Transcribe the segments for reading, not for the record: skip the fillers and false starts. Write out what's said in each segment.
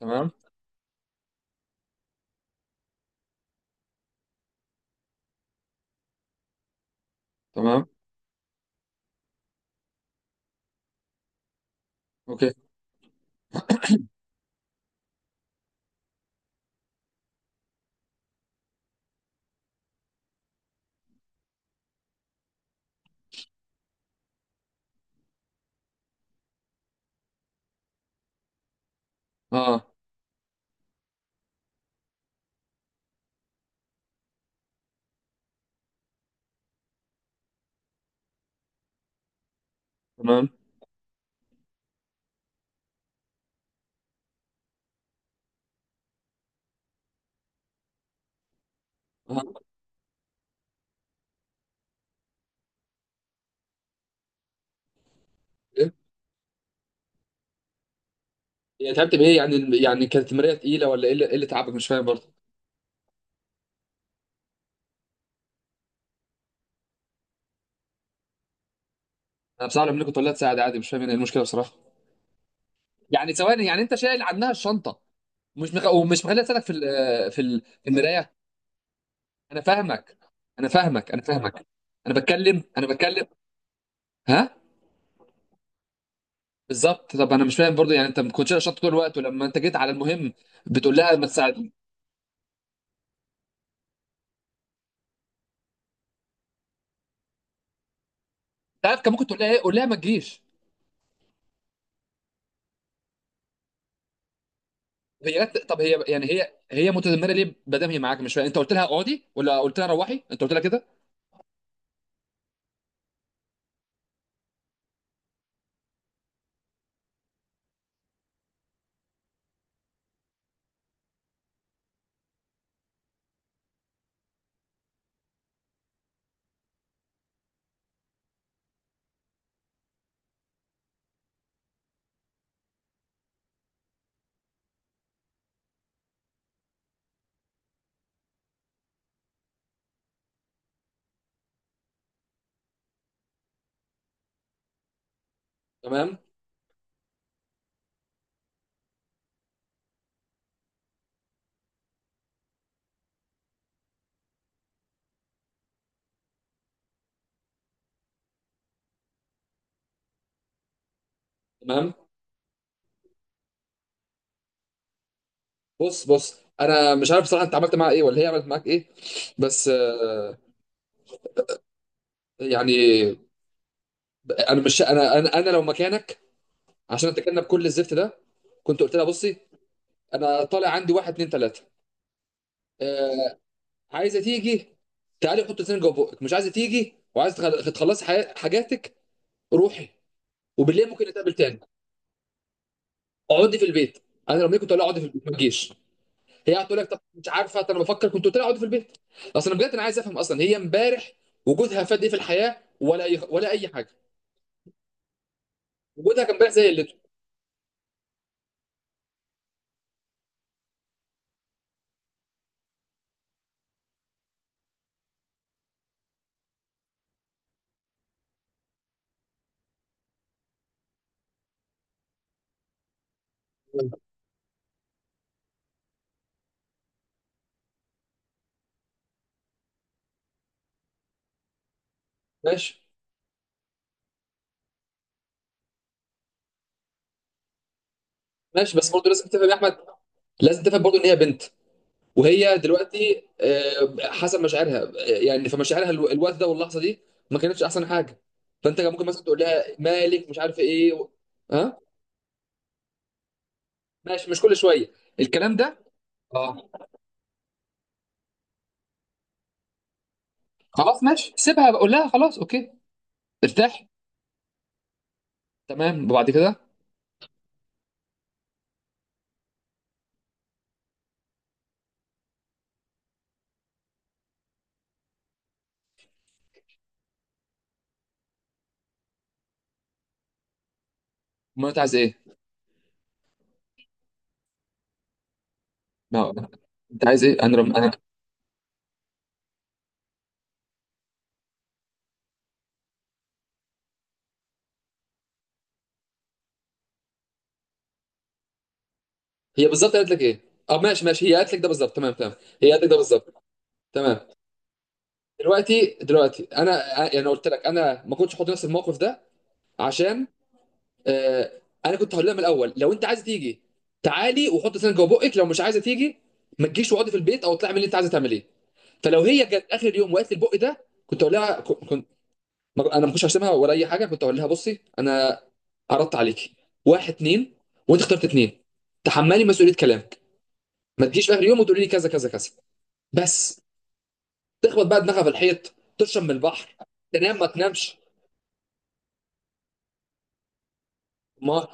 تمام تمام اوكي. اه. تمام. اه، ايه يعني؟ تعبت بايه يعني؟ كانت المرايه تقيله ولا ايه اللي إيه اللي تعبك؟ مش فاهم برضه. انا بصراحه لما كنت اقول لها تساعد عادي مش فاهم ايه المشكله بصراحه. يعني ثواني، يعني انت شايل عنها الشنطه، مش مخ... ومش مخليها تساعدك في المرايه. انا فاهمك. انا فاهمك. انا بتكلم، انا بتكلم. ها. بالظبط، طب انا مش فاهم برضه، يعني انت ما كنتش شايل الشنطه طول الوقت، ولما انت جيت على المهم بتقول لها ما تساعدني؟ تعرف كان ممكن تقول لها ايه؟ قول لها ما تجيش. هي جت، طب هي يعني هي متذمره ليه ما دام هي معاك؟ مش فاهم. انت قلت لها اقعدي ولا قلت لها روحي؟ انت قلت لها كده؟ تمام، تمام. بص، بص، انا مش عارف بصراحه انت عملت معاها ايه ولا هي عملت معاك ايه. بس يعني انا مش انا انا, أنا لو مكانك، عشان اتجنب كل الزفت ده، كنت قلت لها بصي انا طالع عندي واحد اتنين تلاته. آه. عايزه تيجي؟ تعالي حط لسانك جوه بقك. مش عايزه تيجي وعايزه تخلصي حاجاتك؟ روحي، وبالليل ممكن نتقابل تاني. اقعدي في البيت. انا لو منك كنت اقول لها اقعدي في البيت، ما تجيش. هي هتقول لك طب مش عارفه، طب انا بفكر، كنت قلت لها اقعدي في البيت. اصل انا بجد انا عايز افهم، اصلا هي امبارح وجودها فاد ايه في الحياه؟ ولا اي حاجه؟ وجودها كان امبارح زي قلته. ماشي، ماشي، بس برضه لازم تفهم يا احمد. لازم تفهم برضه ان هي بنت، وهي دلوقتي حسب مشاعرها، يعني فمشاعرها الوقت ده واللحظه دي ما كانتش احسن حاجه. فانت كان ممكن مثلا تقول لها مالك؟ مش عارف ايه ها. ماشي، مش كل شويه الكلام ده. اه. خلاص ماشي، سيبها، بقول لها خلاص اوكي. ارتاح. تمام، وبعد كده؟ ما انت عايز ايه؟ ما هو انت عايز ايه؟ انا. هي بالظبط قالت لك ايه؟ اه ماشي، ماشي، هي قالت لك ده بالظبط؟ تمام، تمام. هي قالت لك ده بالظبط؟ تمام. دلوقتي، دلوقتي انا يعني، انا يعني قلت لك انا ما كنتش احط نفسي في الموقف ده، عشان آه، انا كنت هقول لها من الاول لو انت عايزه تيجي تعالي وحط سنك جوه بقك، لو مش عايزه تيجي ما تجيش واقعدي في البيت، او اطلعي من اللي انت عايزه تعمليه. فلو هي جت اخر يوم وقالت لي البق ده كنت اقول لها، كنت انا ما كنتش هشتمها ولا اي حاجه، كنت اقول لها بصي انا عرضت عليكي واحد اتنين، وانت اخترت اتنين، تحملي مسؤوليه كلامك. ما تجيش في اخر يوم وتقولي لي كذا كذا كذا. بس. تخبط بقى دماغها في الحيط، تشرب من البحر، تنام ما تنامش. ما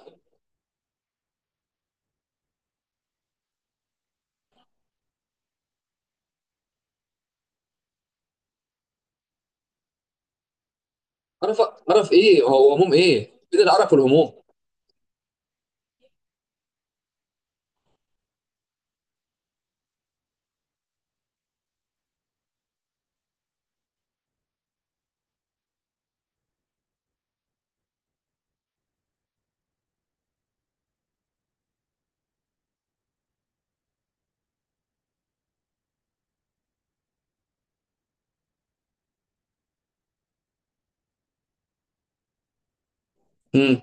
قرف، قرف ايه؟ هو هموم ايه؟ فين القرف والهموم؟ امم.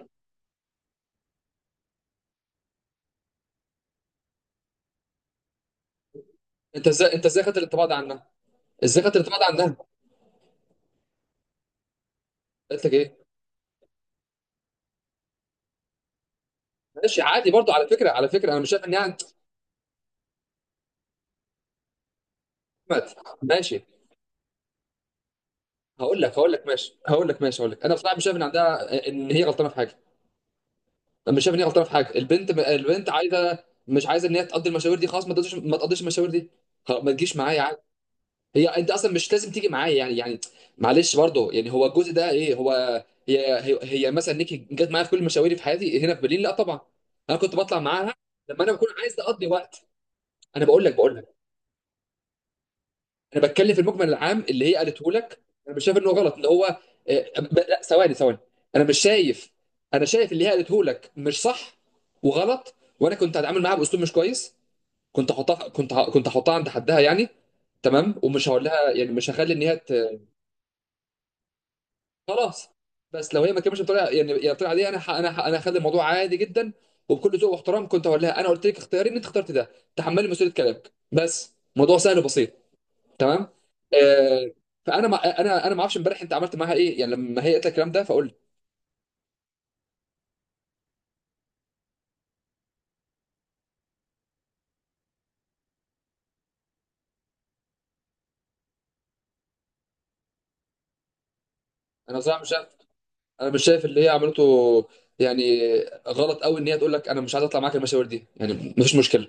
انت ازاي، انت ازاي خدت الانطباع ده عنها؟ ازاي خدت الانطباع ده عنها؟ قالت لك ايه؟ ماشي عادي برضو. على فكره، على فكره، انا مش شايف ان يعني. ماشي، هقول لك، هقول لك ماشي، هقول لك ماشي، هقول لك انا بصراحه مش شايف ان عندها، ان هي غلطانه في حاجه. مش شايف ان هي غلطانه في حاجه. البنت، البنت عايزه، مش عايزه ان هي تقضي المشاوير دي، خلاص ما تقضيش، ما تقضيش المشاوير دي. خلاص ما تجيش معايا. هي انت اصلا مش لازم تيجي معايا يعني، يعني معلش برضه. يعني هو الجزء ده ايه هو؟ هي مثلا نيكي جت معايا في كل مشاويري في حياتي هنا في برلين؟ لا طبعا. انا كنت بطلع معاها لما انا بكون عايز اقضي وقت. انا بقول لك، بقول لك انا بتكلم في المجمل العام اللي هي قالته لك. انا مش شايف انه غلط اللي هو لا ثواني، ثواني. انا مش شايف، انا شايف اللي هي قالته لك مش صح وغلط، وانا كنت هتعامل معاها باسلوب مش كويس، كنت احطها، كنت احطها عند حدها يعني. تمام. ومش هقول لها يعني، مش هخلي ان هي. خلاص. بس لو هي ما كملتش بطريقه يعني، يعني بطريقه عاديه، انا انا انا هخلي الموضوع عادي جدا، وبكل ذوق واحترام كنت هقول لها انا قلت لك، اختياري ان انت اخترت ده، تحملي مسؤوليه كلامك. بس موضوع سهل وبسيط. تمام. آه... فانا ما... انا ما اعرفش امبارح انت عملت معاها ايه يعني، لما هي قالت لك الكلام ده فقول لي. انا بصراحه مش شايف، انا مش شايف اللي هي عملته يعني غلط قوي. ان هي تقول لك انا مش عايز اطلع معاك المشاوير دي يعني، مفيش مشكله.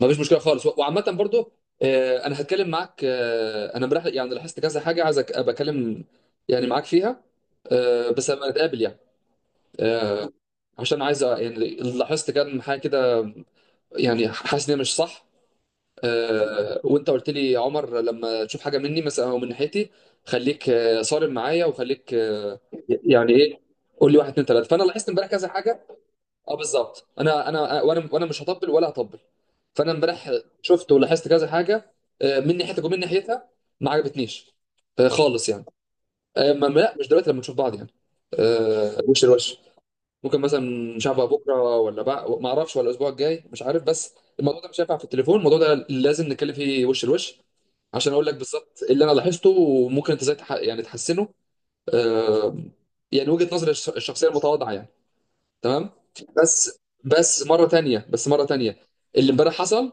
ما فيش مشكله خالص. وعامه برضو انا هتكلم معاك. انا امبارح يعني لاحظت كذا حاجه، عايز ابقى اتكلم يعني معاك فيها، بس لما نتقابل يعني. آه، عشان عايز يعني لاحظت كام حاجه كده، يعني حاسس ان هي مش صح. وانت قلت لي يا عمر لما تشوف حاجه مني مثلا او من ناحيتي، خليك صارم معايا، وخليك يعني ايه، قول لي واحد اتنين تلاته. فانا لاحظت امبارح كذا حاجه. اه بالظبط، انا وانا مش هطبل ولا هطبل. فانا امبارح شفت ولاحظت كذا حاجه من ناحيتك ومن ناحيتها، ما عجبتنيش خالص يعني. لا مش دلوقتي، لما نشوف بعض يعني وش لوش. ممكن مثلا، مش عارف بقى بكره ولا بقى ما اعرفش ولا الاسبوع الجاي مش عارف. بس الموضوع ده مش هينفع في التليفون، الموضوع ده لازم نتكلم فيه وش لوش، عشان اقول لك بالظبط اللي انا لاحظته وممكن انت ازاي يعني تحسنه. آه، يعني وجهة نظري الشخصيه المتواضعه يعني. تمام. بس، بس مره تانية، بس مره تانية، اللي امبارح حصل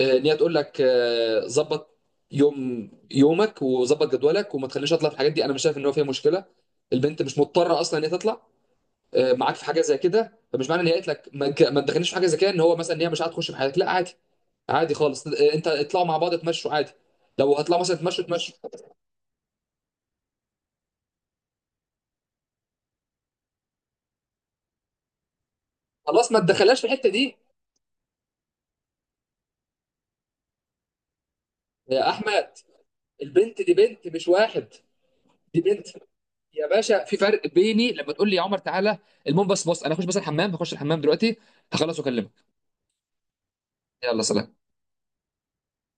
ان هي تقول لك ظبط يوم يومك وظبط جدولك وما تخليش اطلع في الحاجات دي، انا مش شايف ان هو فيها مشكله. البنت مش مضطره اصلا ان هي تطلع معاك في حاجه زي كده. فمش معنى ان هي قالت لك ما تدخلنيش في حاجه زي كده، ان هو مثلا ان هي مش هتخش في حياتك. لا عادي، عادي خالص. انت اطلعوا مع بعض، تمشوا عادي. لو هتطلعوا مثلا تمشوا، تمشوا. خلاص ما تدخلهاش في الحته دي يا احمد. البنت دي بنت مش واحد. دي بنت يا باشا، في فرق. بيني لما تقول لي يا عمر تعالى. المهم بس بص، انا هخش بس الحمام، هخش الحمام دلوقتي، هخلص واكلمك. يلا سلام.